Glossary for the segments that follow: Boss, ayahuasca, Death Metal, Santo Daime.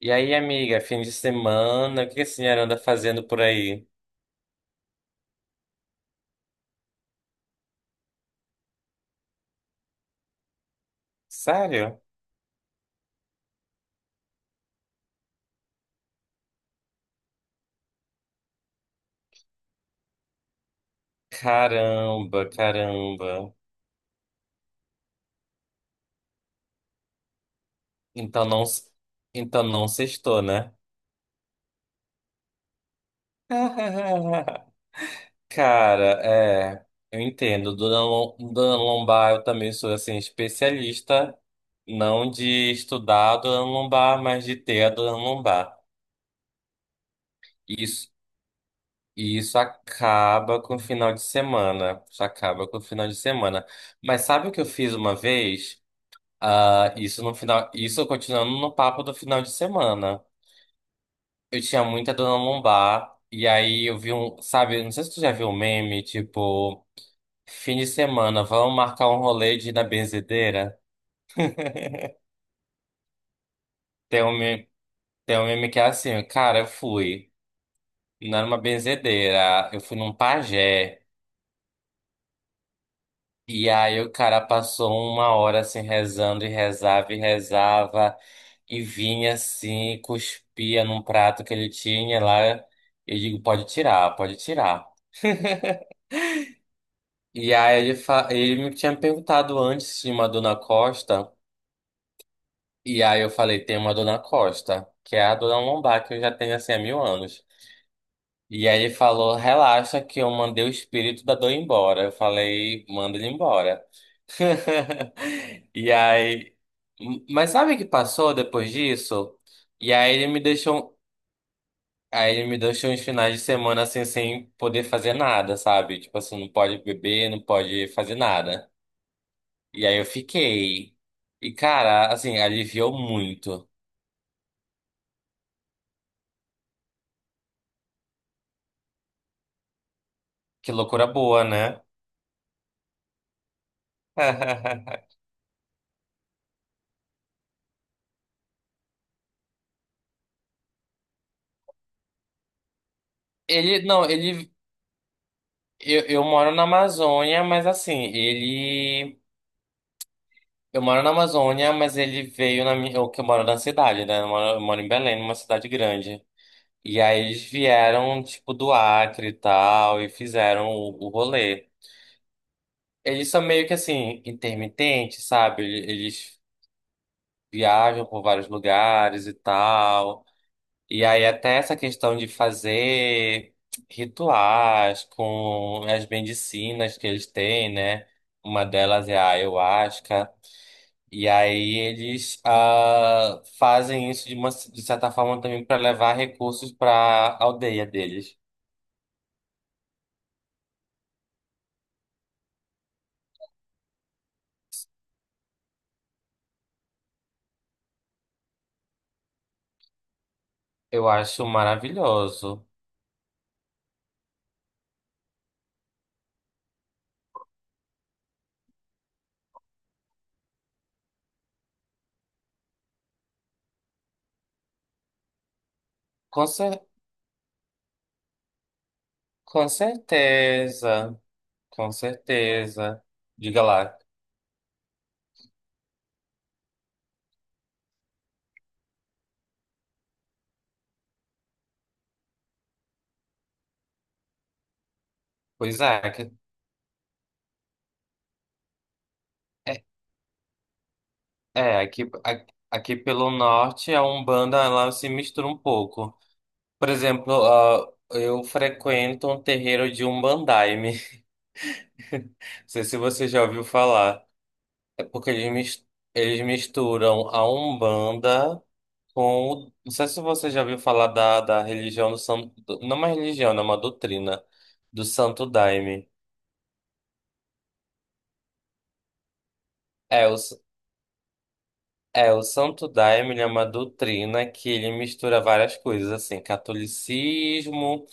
E aí, amiga, fim de semana, o que a senhora anda fazendo por aí? Sério? Caramba, caramba. Então não, s- então não sextou, né? Cara, eu entendo. Dona Lombar, eu também sou assim especialista, não de estudar a Dona Lombar, mas de ter a Dona Lombar. Isso, e isso acaba com o final de semana. Isso acaba com o final de semana. Mas sabe o que eu fiz uma vez? Ah, isso no final, isso continuando no papo do final de semana. Eu tinha muita dor na lombar e aí eu vi um, sabe, não sei se tu já viu um meme, tipo, fim de semana, vamos marcar um rolê de ir na benzedeira? Tem um meme, tem um meme que é assim, cara, eu fui, não era uma benzedeira, eu fui num pajé. E aí o cara passou uma hora assim rezando e rezava e rezava e vinha assim, cuspia num prato que ele tinha lá. Eu digo, pode tirar, pode tirar. E aí ele me tinha perguntado antes se tinha uma dona Costa. E aí eu falei, tem uma dona Costa, que é a dona Lombar, que eu já tenho assim há mil anos. E aí ele falou, relaxa que eu mandei o espírito da dor embora. Eu falei, manda ele embora. E aí. Mas sabe o que passou depois disso? E aí ele me deixou. Aí ele me deixou uns finais de semana assim, sem poder fazer nada, sabe? Tipo assim, não pode beber, não pode fazer nada. E aí eu fiquei. E cara, assim, aliviou muito. Que loucura boa, né? Ele, não, ele. Eu moro na Amazônia, mas assim, ele. Eu moro na Amazônia, mas ele veio na minha. Eu que eu moro na cidade, né? Eu moro em Belém, numa cidade grande. E aí eles vieram, tipo, do Acre e tal, e fizeram o rolê. Eles são meio que assim, intermitentes, sabe? Eles viajam por vários lugares e tal. E aí até essa questão de fazer rituais com as medicinas que eles têm, né? Uma delas é a ayahuasca. E aí eles ah, fazem isso de uma de certa forma também para levar recursos para a aldeia deles. Eu acho maravilhoso. Com cer com certeza, com certeza. Diga lá. Pois é, é, aqui, aqui pelo norte a Umbanda ela se mistura um pouco. Por exemplo, ah, eu frequento um terreiro de Umbandaime. Não sei se você já ouviu falar. Porque eles misturam a Umbanda com. Não sei se você já ouviu falar da religião do Santo. Não é uma religião, né, é uma doutrina. Do Santo Daime. É, o, s- o Santo Daime ele é uma doutrina que ele mistura várias coisas, assim, catolicismo.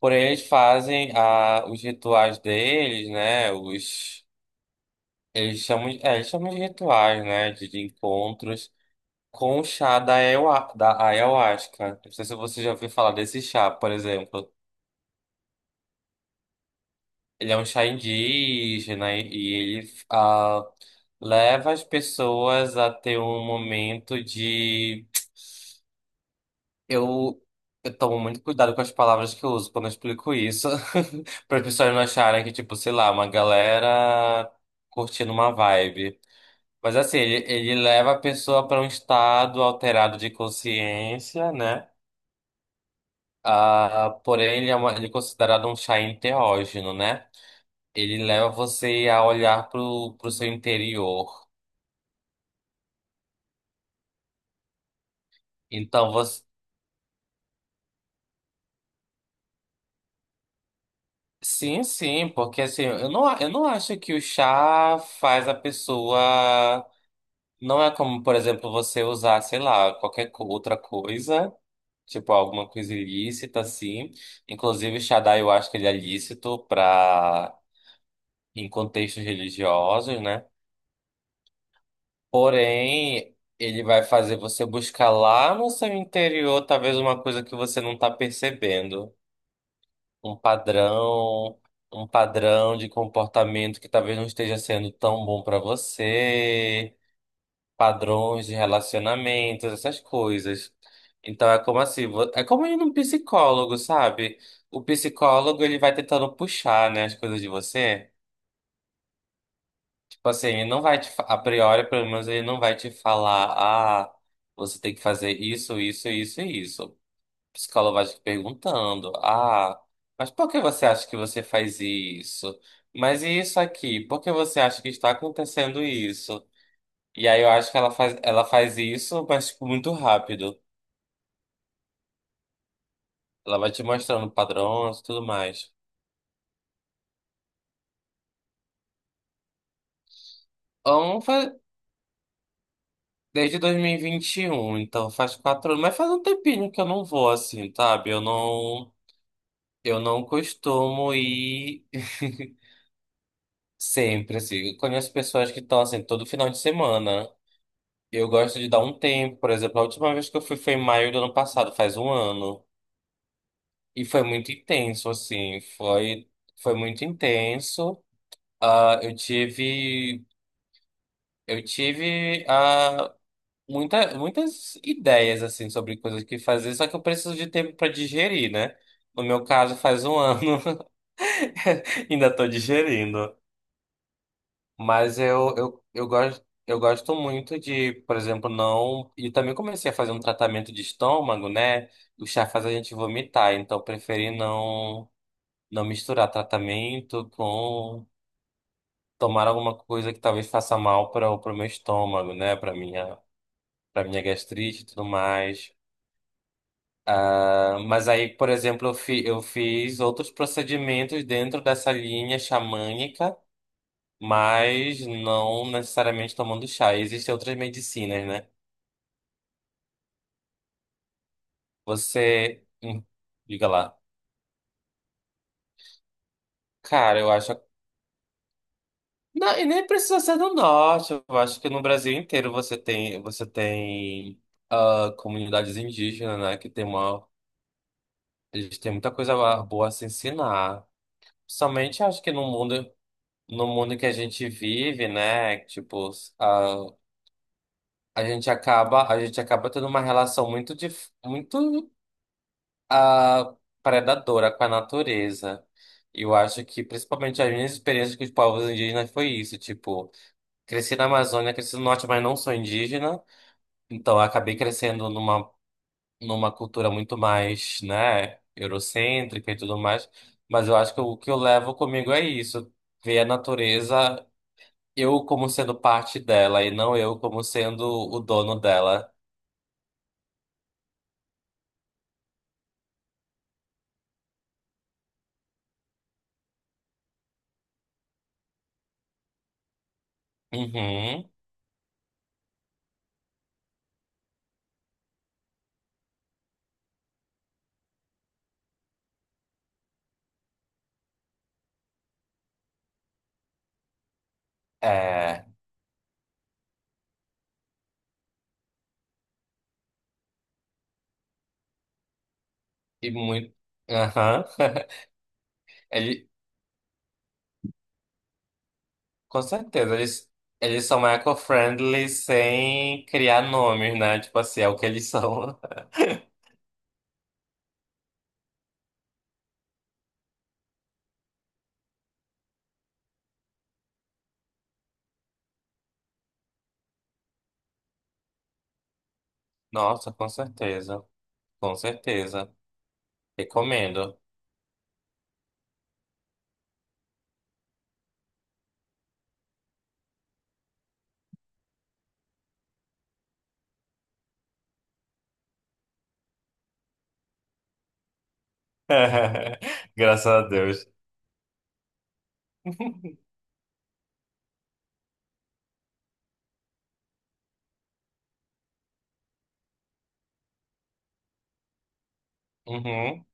Porém, eles fazem a, os rituais deles, né? Os. Eles chamam, eles chamam de rituais, né? De encontros. Com o chá da ayahuasca. Não sei se você já ouviu falar desse chá, por exemplo. Ele é um chá indígena e ele ah, leva as pessoas a ter um momento de. Eu, eu tomo muito cuidado com as palavras que eu uso quando eu explico isso, para as pessoas não acharem que, tipo, sei lá, uma galera curtindo uma vibe. Mas assim, ele leva a pessoa para um estado alterado de consciência, né? Ah, porém, ele é considerado um chá enteógeno, né? Ele leva você a olhar para o seu interior. Então, você... Sim, sim, porque assim, eu não acho que o chá faz a pessoa... Não é como, por exemplo, você usar, sei lá, outra coisa, tipo alguma coisa ilícita, assim. Inclusive, o chá da ayahuasca ele é lícito para... em contextos religiosos, né? Porém, ele vai fazer você buscar lá no seu interior, talvez uma coisa que você não está percebendo, um padrão, um padrão de comportamento que talvez não esteja sendo tão bom para você, padrões de relacionamentos, essas coisas. Então é como assim, é como ir num psicólogo, sabe? O psicólogo ele vai tentando puxar, né, as coisas de você. Tipo assim, ele não vai te, fa- a priori, pelo menos, ele não vai te falar, ah, você tem que fazer isso, isso, isso e isso. O psicólogo vai te perguntando, ah, mas por que você acha que você faz isso? Mas e isso aqui? Por que você acha que está acontecendo isso? E aí eu acho que ela faz isso, mas tipo, muito rápido. Ela vai te mostrando padrões e tudo mais. Então, faz, desde 2021 então faz 4 anos, mas faz um tempinho que eu não vou assim, sabe? Eu não. Eu não costumo ir sempre, assim. Eu conheço pessoas que estão assim todo final de semana. Eu gosto de dar um tempo, por exemplo, a última vez que eu fui foi em maio do ano passado, faz um ano. E foi muito intenso, assim. Foi, foi muito intenso. Ah, eu tive ah, muitas ideias, assim, sobre coisas que fazer, só que eu preciso de tempo para digerir, né? No meu caso, faz um ano, ainda estou digerindo. Mas eu gosto muito de, por exemplo, não. E também comecei a fazer um tratamento de estômago, né? O chá faz a gente vomitar, então eu preferi não, não misturar tratamento com tomar alguma coisa que talvez faça mal para o pro meu estômago, né? Para minha gastrite e tudo mais. Ah, mas aí, por exemplo, eu fiz outros procedimentos dentro dessa linha xamânica. Mas não necessariamente tomando chá. Existem outras medicinas, né? Você. Hum, diga lá. Cara, eu acho. Não, e nem precisa ser no norte. Eu acho que no Brasil inteiro você tem ah, comunidades indígenas, né? Que tem uma. Eles têm muita coisa boa a se ensinar. Somente acho que no mundo, no mundo que a gente vive, né? Tipo, a, a gente acaba tendo uma relação muito a predadora com a natureza. Eu acho que, principalmente, as minhas experiências com os povos indígenas foi isso. Tipo, cresci na Amazônia, cresci no norte, mas não sou indígena. Então, eu acabei crescendo numa cultura muito mais, né, eurocêntrica e tudo mais. Mas eu acho que o que eu levo comigo é isso. Ver a natureza, eu como sendo parte dela e não eu como sendo o dono dela. Uhum. É. E muito. Aham. É, com certeza, eles são eco-friendly sem criar nomes, né? Tipo assim, é o que eles são. Nossa, com certeza, com certeza. Recomendo. Graças a Deus. Uhum,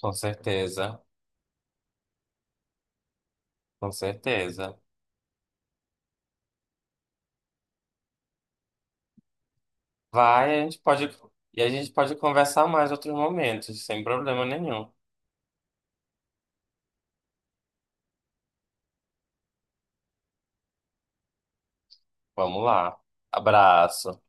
com certeza, com certeza. Vai, a gente pode, E a gente pode conversar mais em outros momentos, sem problema nenhum. Vamos lá. Abraço.